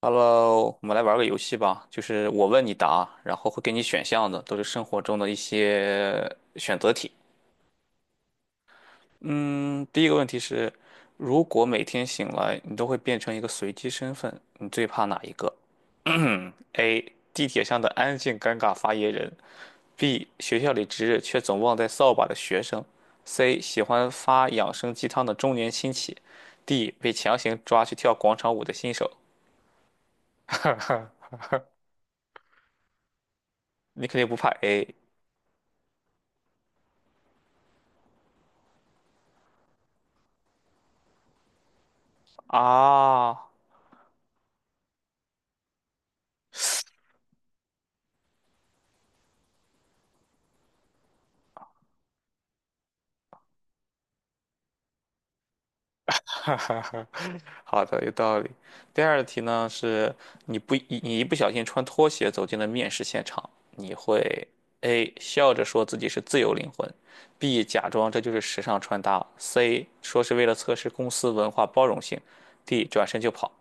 Hello，我们来玩个游戏吧，就是我问你答，然后会给你选项的，都是生活中的一些选择题。嗯，第一个问题是，如果每天醒来你都会变成一个随机身份，你最怕哪一个 ？A. 地铁上的安静尴尬发言人；B. 学校里值日却总忘带扫把的学生；C. 喜欢发养生鸡汤的中年亲戚；D. 被强行抓去跳广场舞的新手。你肯定不怕 A 啊？哈哈哈，好的，有道理。第二题呢，是你一不小心穿拖鞋走进了面试现场，你会 A 笑着说自己是自由灵魂，B 假装这就是时尚穿搭，C 说是为了测试公司文化包容性，D 转身就跑。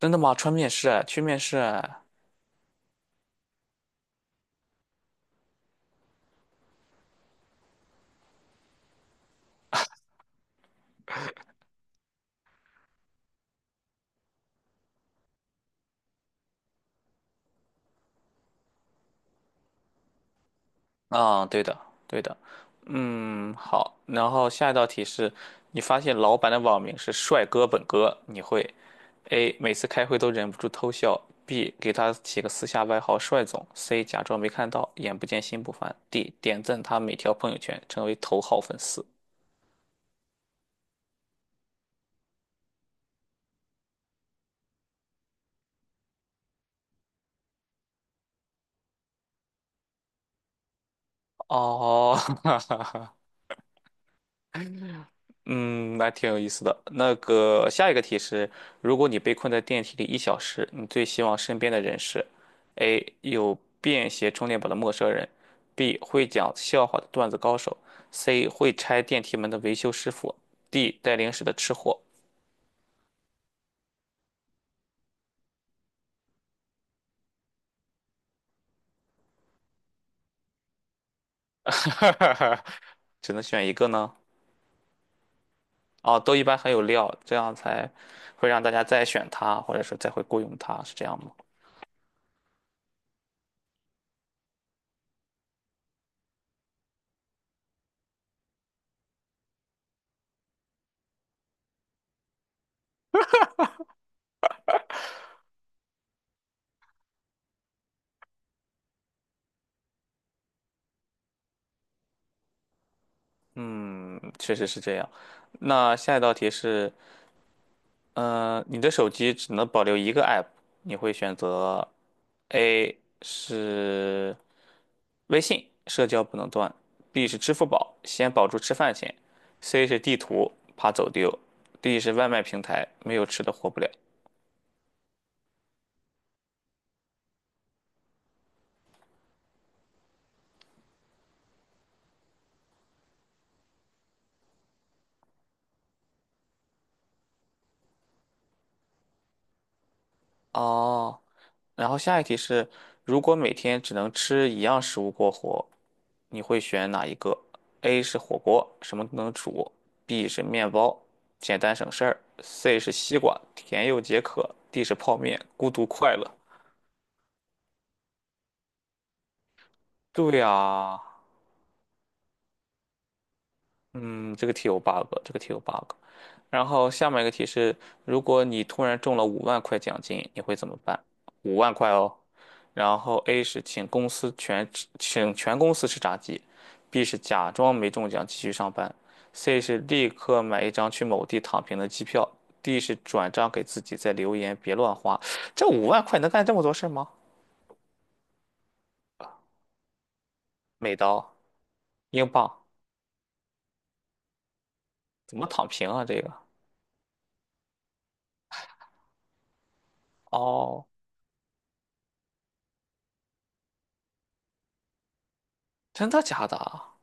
真的吗？穿面试啊，去面试啊？啊，对的，对的。嗯，好。然后下一道题是，你发现老板的网名是帅哥本哥，你会 A 每次开会都忍不住偷笑；B 给他起个私下外号“帅总 ”；C 假装没看到，眼不见心不烦；D 点赞他每条朋友圈，成为头号粉丝。哦，哈哈哈，嗯，那挺有意思的。那个下一个题是：如果你被困在电梯里1小时，你最希望身边的人是：A 有便携充电宝的陌生人；B 会讲笑话的段子高手；C 会拆电梯门的维修师傅；D 带零食的吃货。只能选一个呢？哦，都一般很有料，这样才会让大家再选它，或者说再会雇佣它，是这样吗？嗯，确实是这样。那下一道题是，嗯、你的手机只能保留一个 app，你会选择 A 是微信，社交不能断；B 是支付宝，先保住吃饭钱；C 是地图，怕走丢；D 是外卖平台，没有吃的活不了。哦，然后下一题是，如果每天只能吃一样食物过活，你会选哪一个？A 是火锅，什么都能煮；B 是面包，简单省事儿；C 是西瓜，甜又解渴；D 是泡面，孤独快乐。对呀，嗯，这个题有 bug，这个题有 bug。然后下面一个题是，如果你突然中了五万块奖金，你会怎么办？五万块哦。然后 A 是请全公司吃炸鸡，B 是假装没中奖继续上班，C 是立刻买一张去某地躺平的机票，D 是转账给自己再留言别乱花。这五万块能干这么多事儿吗？美刀、英镑怎么躺平啊？这个哦，真的假的啊？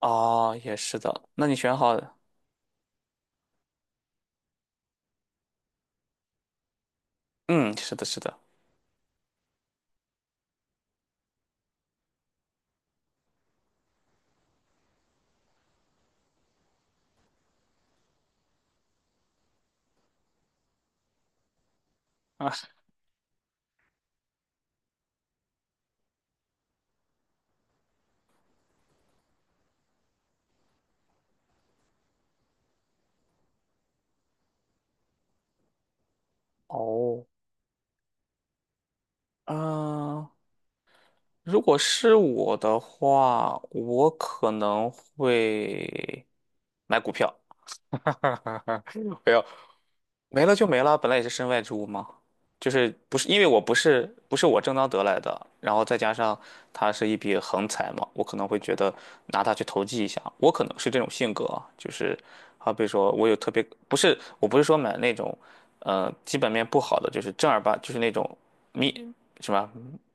哦，也是的。那你选好了？嗯，是的，是的。啊，哦，嗯、如果是我的话，我可能会买股票。没有没了就没了，本来也是身外之物嘛，就是不是因为我不是我正当得来的，然后再加上它是一笔横财嘛，我可能会觉得拿它去投机一下，我可能是这种性格啊就是好比说我有特别不是我不是说买那种基本面不好的，就是正儿八就是那种咪什么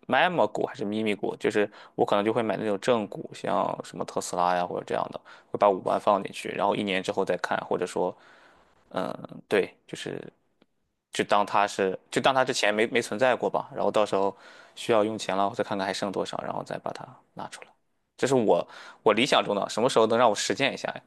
m e m A 股还是咪咪股，就是我可能就会买那种正股，像什么特斯拉呀或者这样的。会把五万放进去，然后1年之后再看，或者说，嗯，对，就是就当它之前没存在过吧，然后到时候需要用钱了，再看看还剩多少，然后再把它拿出来。这是我理想中的，什么时候能让我实践一下呀？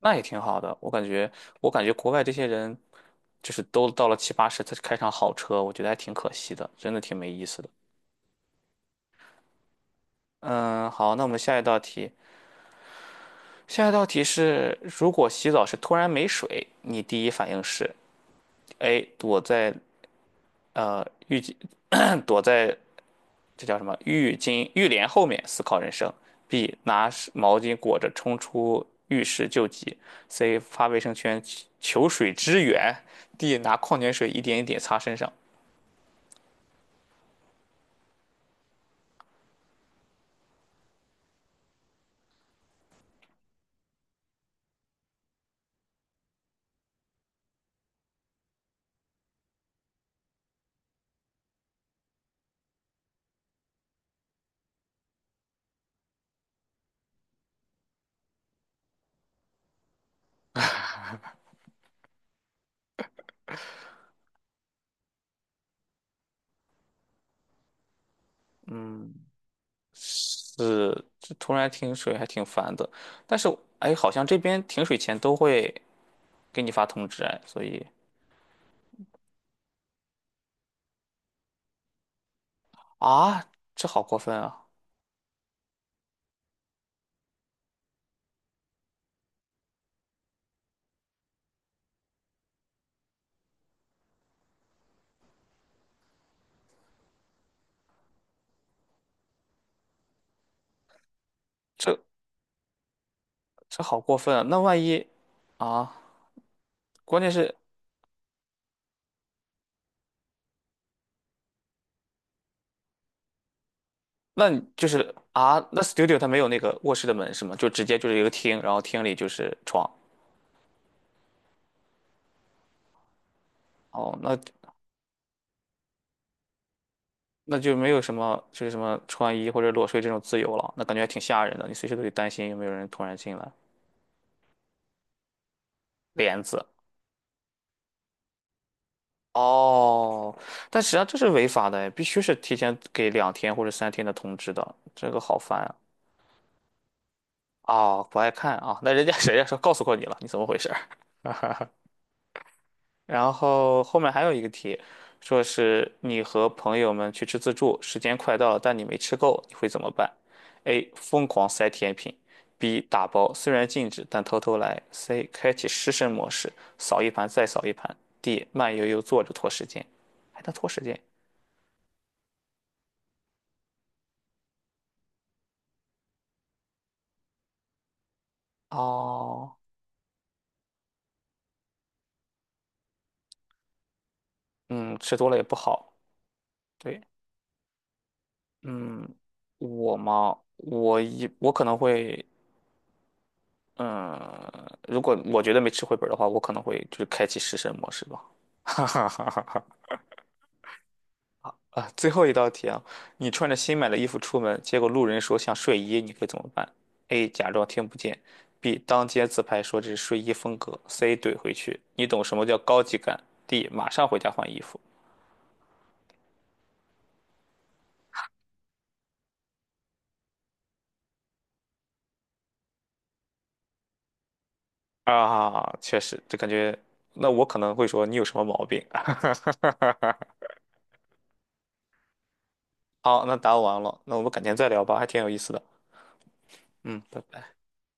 那也挺好的，我感觉国外这些人就是都到了七八十才开上好车，我觉得还挺可惜的，真的挺没意思的。嗯，好，那我们下一道题，下一道题是，如果洗澡时突然没水，你第一反应是？A 呃浴巾，躲在这叫什么浴巾浴帘后面思考人生；B 拿湿毛巾裹着冲出浴室救急；C 发卫生圈求水支援；D 拿矿泉水一点一点擦身上。嗯，是，这突然停水还挺烦的，但是哎，好像这边停水前都会给你发通知哎，所以啊，这好过分啊，这这好过分啊，那万一啊，关键是。那你就是啊，那 studio 它没有那个卧室的门是吗？就直接就是一个厅，然后厅里就是床。哦，那就没有什么就是什么穿衣或者裸睡这种自由了，那感觉还挺吓人的。你随时都得担心有没有人突然进来，帘子。哦，但实际上这是违法的，必须是提前给2天或者3天的通知的，这个好烦啊！哦，不爱看啊，那人家谁呀说告诉过你了，你怎么回事？然后后面还有一个题，说是你和朋友们去吃自助，时间快到了，但你没吃够，你会怎么办？A. 疯狂塞甜品；B. 打包，虽然禁止，但偷偷来；C. 开启失身模式，扫一盘再扫一盘；D. 慢悠悠坐着拖时间，还能拖时间。哦，嗯，吃多了也不好。对，嗯，我嘛，我可能会。嗯，如果我觉得没吃回本儿的话，我可能会就是开启食神模式吧。哈哈哈哈哈！啊，最后一道题啊，你穿着新买的衣服出门，结果路人说像睡衣，你会怎么办？A. 假装听不见；B. 当街自拍说这是睡衣风格；C. 怼回去。你懂什么叫高级感？D. 马上回家换衣服。啊，确实，这感觉，那我可能会说你有什么毛病。好，那答完了，那我们改天再聊吧，还挺有意思的。嗯，拜拜。